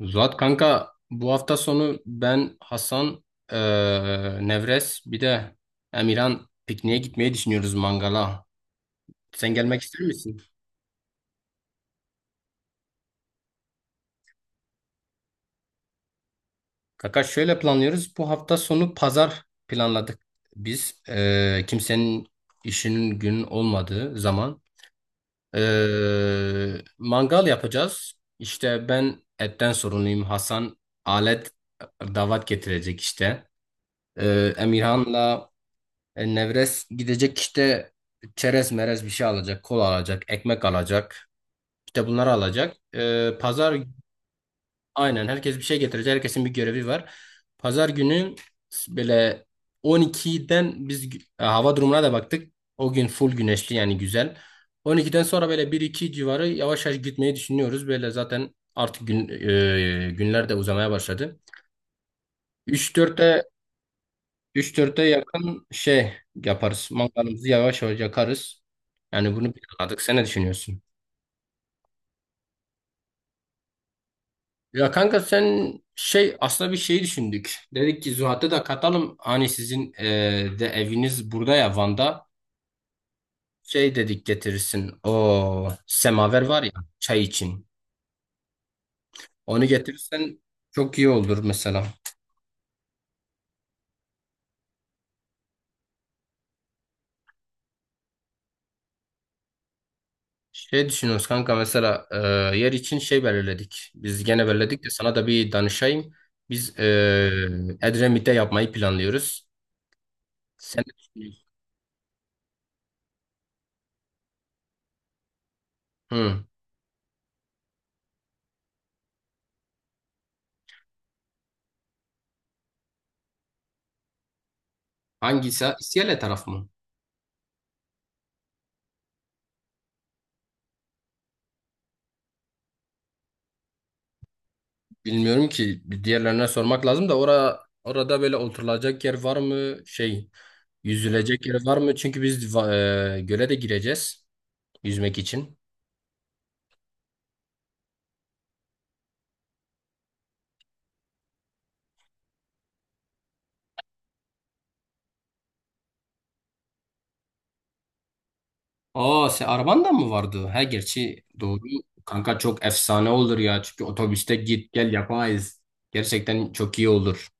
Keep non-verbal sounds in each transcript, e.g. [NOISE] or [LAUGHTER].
Zuhat kanka bu hafta sonu ben Hasan, Nevres bir de Emirhan pikniğe gitmeyi düşünüyoruz mangala. Sen gelmek ister misin? Kanka şöyle planlıyoruz. Bu hafta sonu pazar planladık biz. Kimsenin işinin gün olmadığı zaman. Mangal yapacağız. İşte ben etten sorumluyum. Hasan alet davat getirecek işte. Emirhan'la Nevres gidecek işte çerez merez bir şey alacak, kola alacak, ekmek alacak. İşte bunları alacak. Pazar, aynen herkes bir şey getirecek. Herkesin bir görevi var. Pazar günü böyle 12'den biz hava durumuna da baktık. O gün full güneşli yani güzel. 12'den sonra böyle bir iki civarı yavaş yavaş gitmeyi düşünüyoruz. Böyle zaten artık günler de uzamaya başladı. 3-4'te üç 4'e yakın şey yaparız. Mangalımızı yavaş yavaş yakarız. Yani bunu planladık. Sen ne düşünüyorsun? Ya kanka sen şey aslında bir şey düşündük. Dedik ki Zuhat'ı da katalım. Hani sizin de eviniz burada ya Van'da. Şey dedik getirirsin. O semaver var ya çay için. Onu getirirsen çok iyi olur mesela. Şey düşünüyoruz kanka mesela yer için şey belirledik. Biz gene belirledik de sana da bir danışayım. Biz Edremit'te yapmayı planlıyoruz. Sen Hı. Hangisi? İskele taraf mı? Bilmiyorum ki bir diğerlerine sormak lazım da orada böyle oturulacak yer var mı? Şey yüzülecek yer var mı? Çünkü biz göle de gireceğiz yüzmek için. Aa, sen arabandan mı vardı? Ha gerçi doğru. Kanka çok efsane olur ya. Çünkü otobüste git gel yapamayız. Gerçekten çok iyi olur.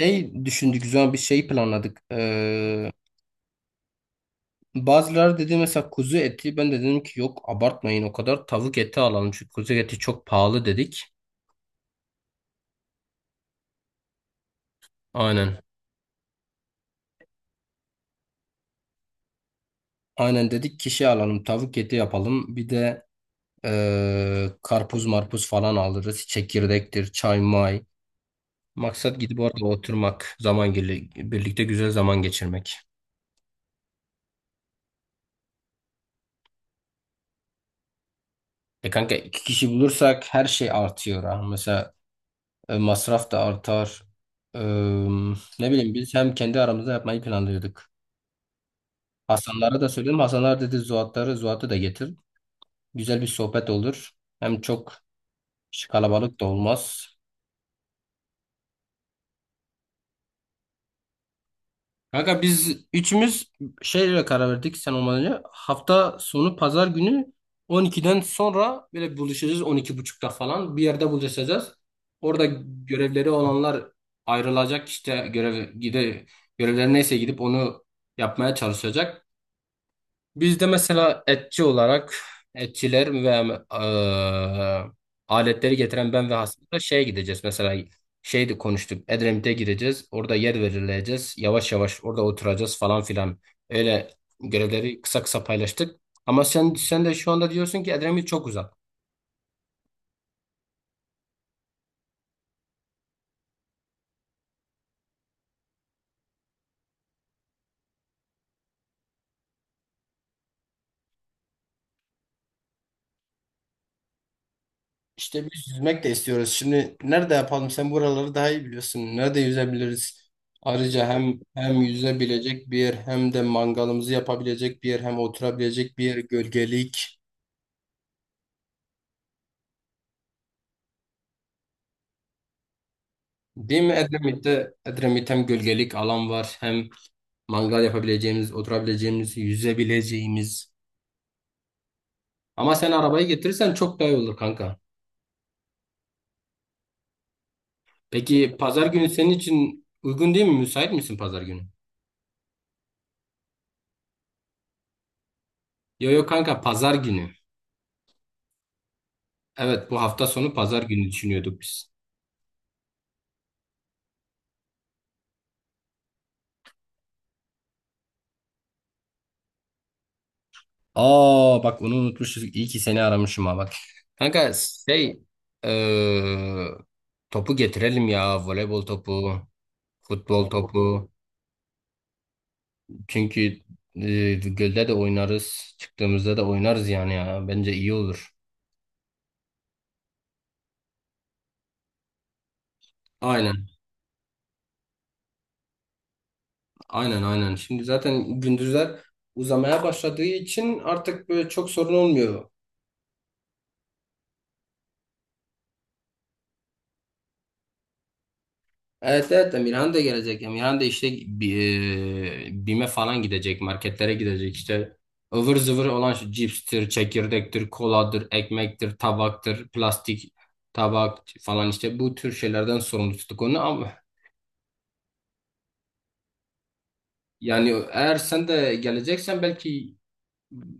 Şey düşündük, güzel bir şey planladık. Bazıları dedi mesela kuzu eti. Ben de dedim ki yok abartmayın o kadar tavuk eti alalım. Çünkü kuzu eti çok pahalı dedik. Aynen. Aynen dedik kişi alalım tavuk eti yapalım. Bir de karpuz marpuz falan alırız. Çekirdektir, çay may. Maksat gidip orada oturmak, zaman birlikte güzel zaman geçirmek. E kanka iki kişi bulursak her şey artıyor ha. Mesela masraf da artar. Ee, ne bileyim biz hem kendi aramızda yapmayı planlıyorduk. Hasanlara da söyledim. Hasanlar dedi Zuhat'ı da getir. Güzel bir sohbet olur. Hem çok kalabalık da olmaz. Kanka biz üçümüz şeyle karar verdik sen olmadan önce. Hafta sonu pazar günü 12'den sonra böyle buluşacağız 12:30'da falan. Bir yerde buluşacağız. Orada görevleri olanlar ayrılacak işte görevleri neyse gidip onu yapmaya çalışacak. Bizde mesela etçi olarak etçiler ve aletleri getiren ben ve Hasan'la şeye gideceğiz. Mesela şeydi konuştuk. Edremit'e gireceğiz. Orada yer verileceğiz. Yavaş yavaş orada oturacağız falan filan. Öyle görevleri kısa kısa paylaştık. Ama sen de şu anda diyorsun ki Edremit çok uzak. İşte biz yüzmek de istiyoruz. Şimdi nerede yapalım? Sen buraları daha iyi biliyorsun. Nerede yüzebiliriz? Ayrıca hem yüzebilecek bir yer, hem de mangalımızı yapabilecek bir yer, hem oturabilecek bir yer, gölgelik. Değil mi Edremit'te? Edremit hem gölgelik alan var, hem mangal yapabileceğimiz, oturabileceğimiz, yüzebileceğimiz. Ama sen arabayı getirirsen çok daha iyi olur kanka. Peki pazar günü senin için uygun değil mi? Müsait misin pazar günü? Yo yo kanka, pazar günü. Evet, bu hafta sonu pazar günü düşünüyorduk biz. Aa bak, onu unutmuşuz. İyi ki seni aramışım ha bak. Kanka şey eee, topu getirelim ya, voleybol topu, futbol topu. Çünkü gölde de oynarız. Çıktığımızda da oynarız yani ya. Bence iyi olur. Aynen, aynen, aynen. Şimdi zaten gündüzler uzamaya başladığı için artık böyle çok sorun olmuyor. Evet, evet, Emirhan da gelecek. Emirhan da işte BİM'e falan gidecek. Marketlere gidecek işte. Ivır zıvır olan şu cipstir, çekirdektir, koladır, ekmektir, tabaktır, plastik tabak falan, işte bu tür şeylerden sorumlu tuttuk onu. Ama yani eğer sen de geleceksen, belki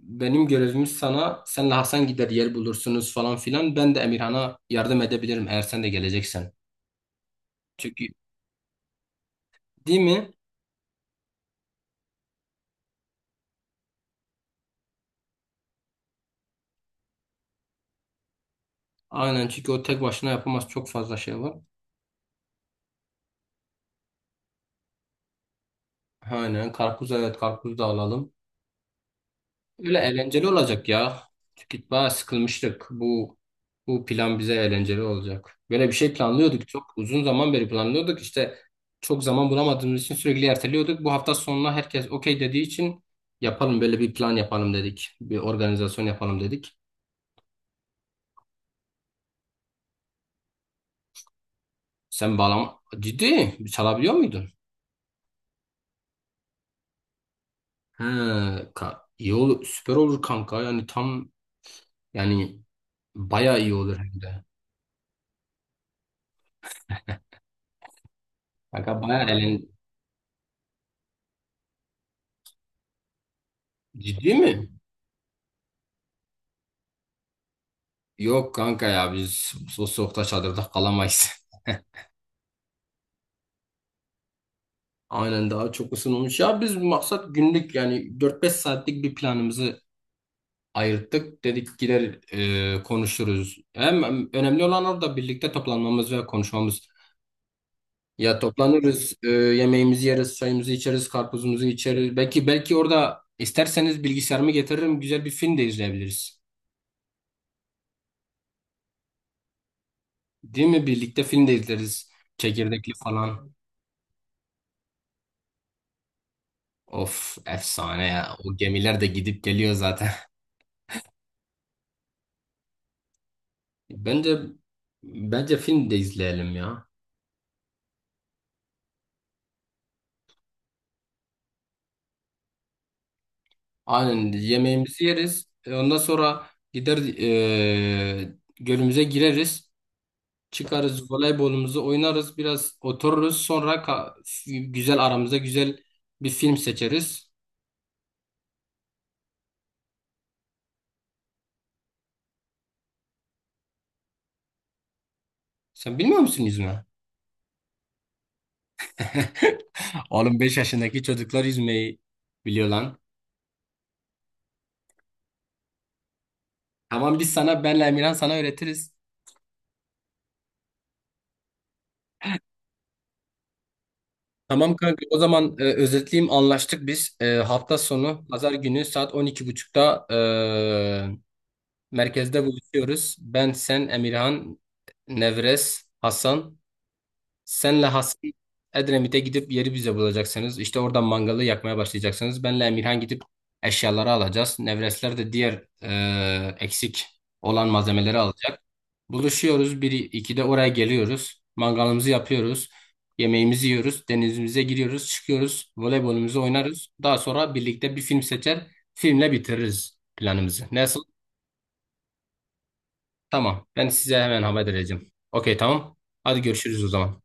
benim görevimiz, sana senle Hasan gider yer bulursunuz falan filan, ben de Emirhan'a yardım edebilirim eğer sen de geleceksen. Çünkü, değil mi? Aynen, çünkü o tek başına yapamaz, çok fazla şey var. Aynen, karpuz, evet, karpuz da alalım. Öyle eğlenceli olacak ya. Çünkü bayağı sıkılmıştık. Bu plan bize eğlenceli olacak. Böyle bir şey planlıyorduk, çok uzun zaman beri planlıyorduk. İşte çok zaman bulamadığımız için sürekli erteliyorduk. Bu hafta sonuna herkes okey dediği için yapalım böyle bir plan, yapalım dedik. Bir organizasyon yapalım dedik. Sen bağlam ciddi çalabiliyor muydun? He, iyi olur, süper olur kanka. Yani tam yani bayağı iyi olur hem de. Kanka bayağı. Ciddi mi? Yok kanka ya, biz soğukta çadırda kalamayız. [LAUGHS] Aynen, daha çok ısınmış. Ya biz maksat günlük, yani 4-5 saatlik bir planımızı ayırttık. Dedik gider konuşuruz. Hem önemli olan orada birlikte toplanmamız ve konuşmamız. Ya toplanırız, yemeğimizi yeriz, çayımızı içeriz, karpuzumuzu içeriz. Belki orada isterseniz bilgisayarımı getiririm, güzel bir film de izleyebiliriz. Değil mi? Birlikte film de izleriz. Çekirdekli falan. Of, efsane ya. O gemiler de gidip geliyor zaten. [LAUGHS] Bence bence film de izleyelim ya. Aynen, yemeğimizi yeriz. Ondan sonra gider gölümüze gireriz. Çıkarız, voleybolumuzu oynarız. Biraz otururuz. Sonra güzel, aramızda güzel bir film seçeriz. Sen bilmiyor musun yüzme? [LAUGHS] Oğlum, 5 yaşındaki çocuklar yüzmeyi biliyor lan. Tamam, biz sana, benle Emirhan sana öğretiriz. Tamam kanka, o zaman özetleyeyim, anlaştık biz. Hafta sonu pazar günü saat 12.30'da merkezde buluşuyoruz. Ben, sen, Emirhan, Nevres, Hasan. Senle Hasan Edremit'e gidip yeri bize bulacaksınız. İşte oradan mangalı yakmaya başlayacaksınız. Benle Emirhan gidip eşyaları alacağız. Nevresler de diğer eksik olan malzemeleri alacak. Buluşuyoruz. Bir, 2'de oraya geliyoruz. Mangalımızı yapıyoruz. Yemeğimizi yiyoruz. Denizimize giriyoruz. Çıkıyoruz. Voleybolumuzu oynarız. Daha sonra birlikte bir film seçer. Filmle bitiririz planımızı. Nasıl? Tamam. Ben size hemen haber vereceğim. Okey, tamam. Hadi görüşürüz o zaman.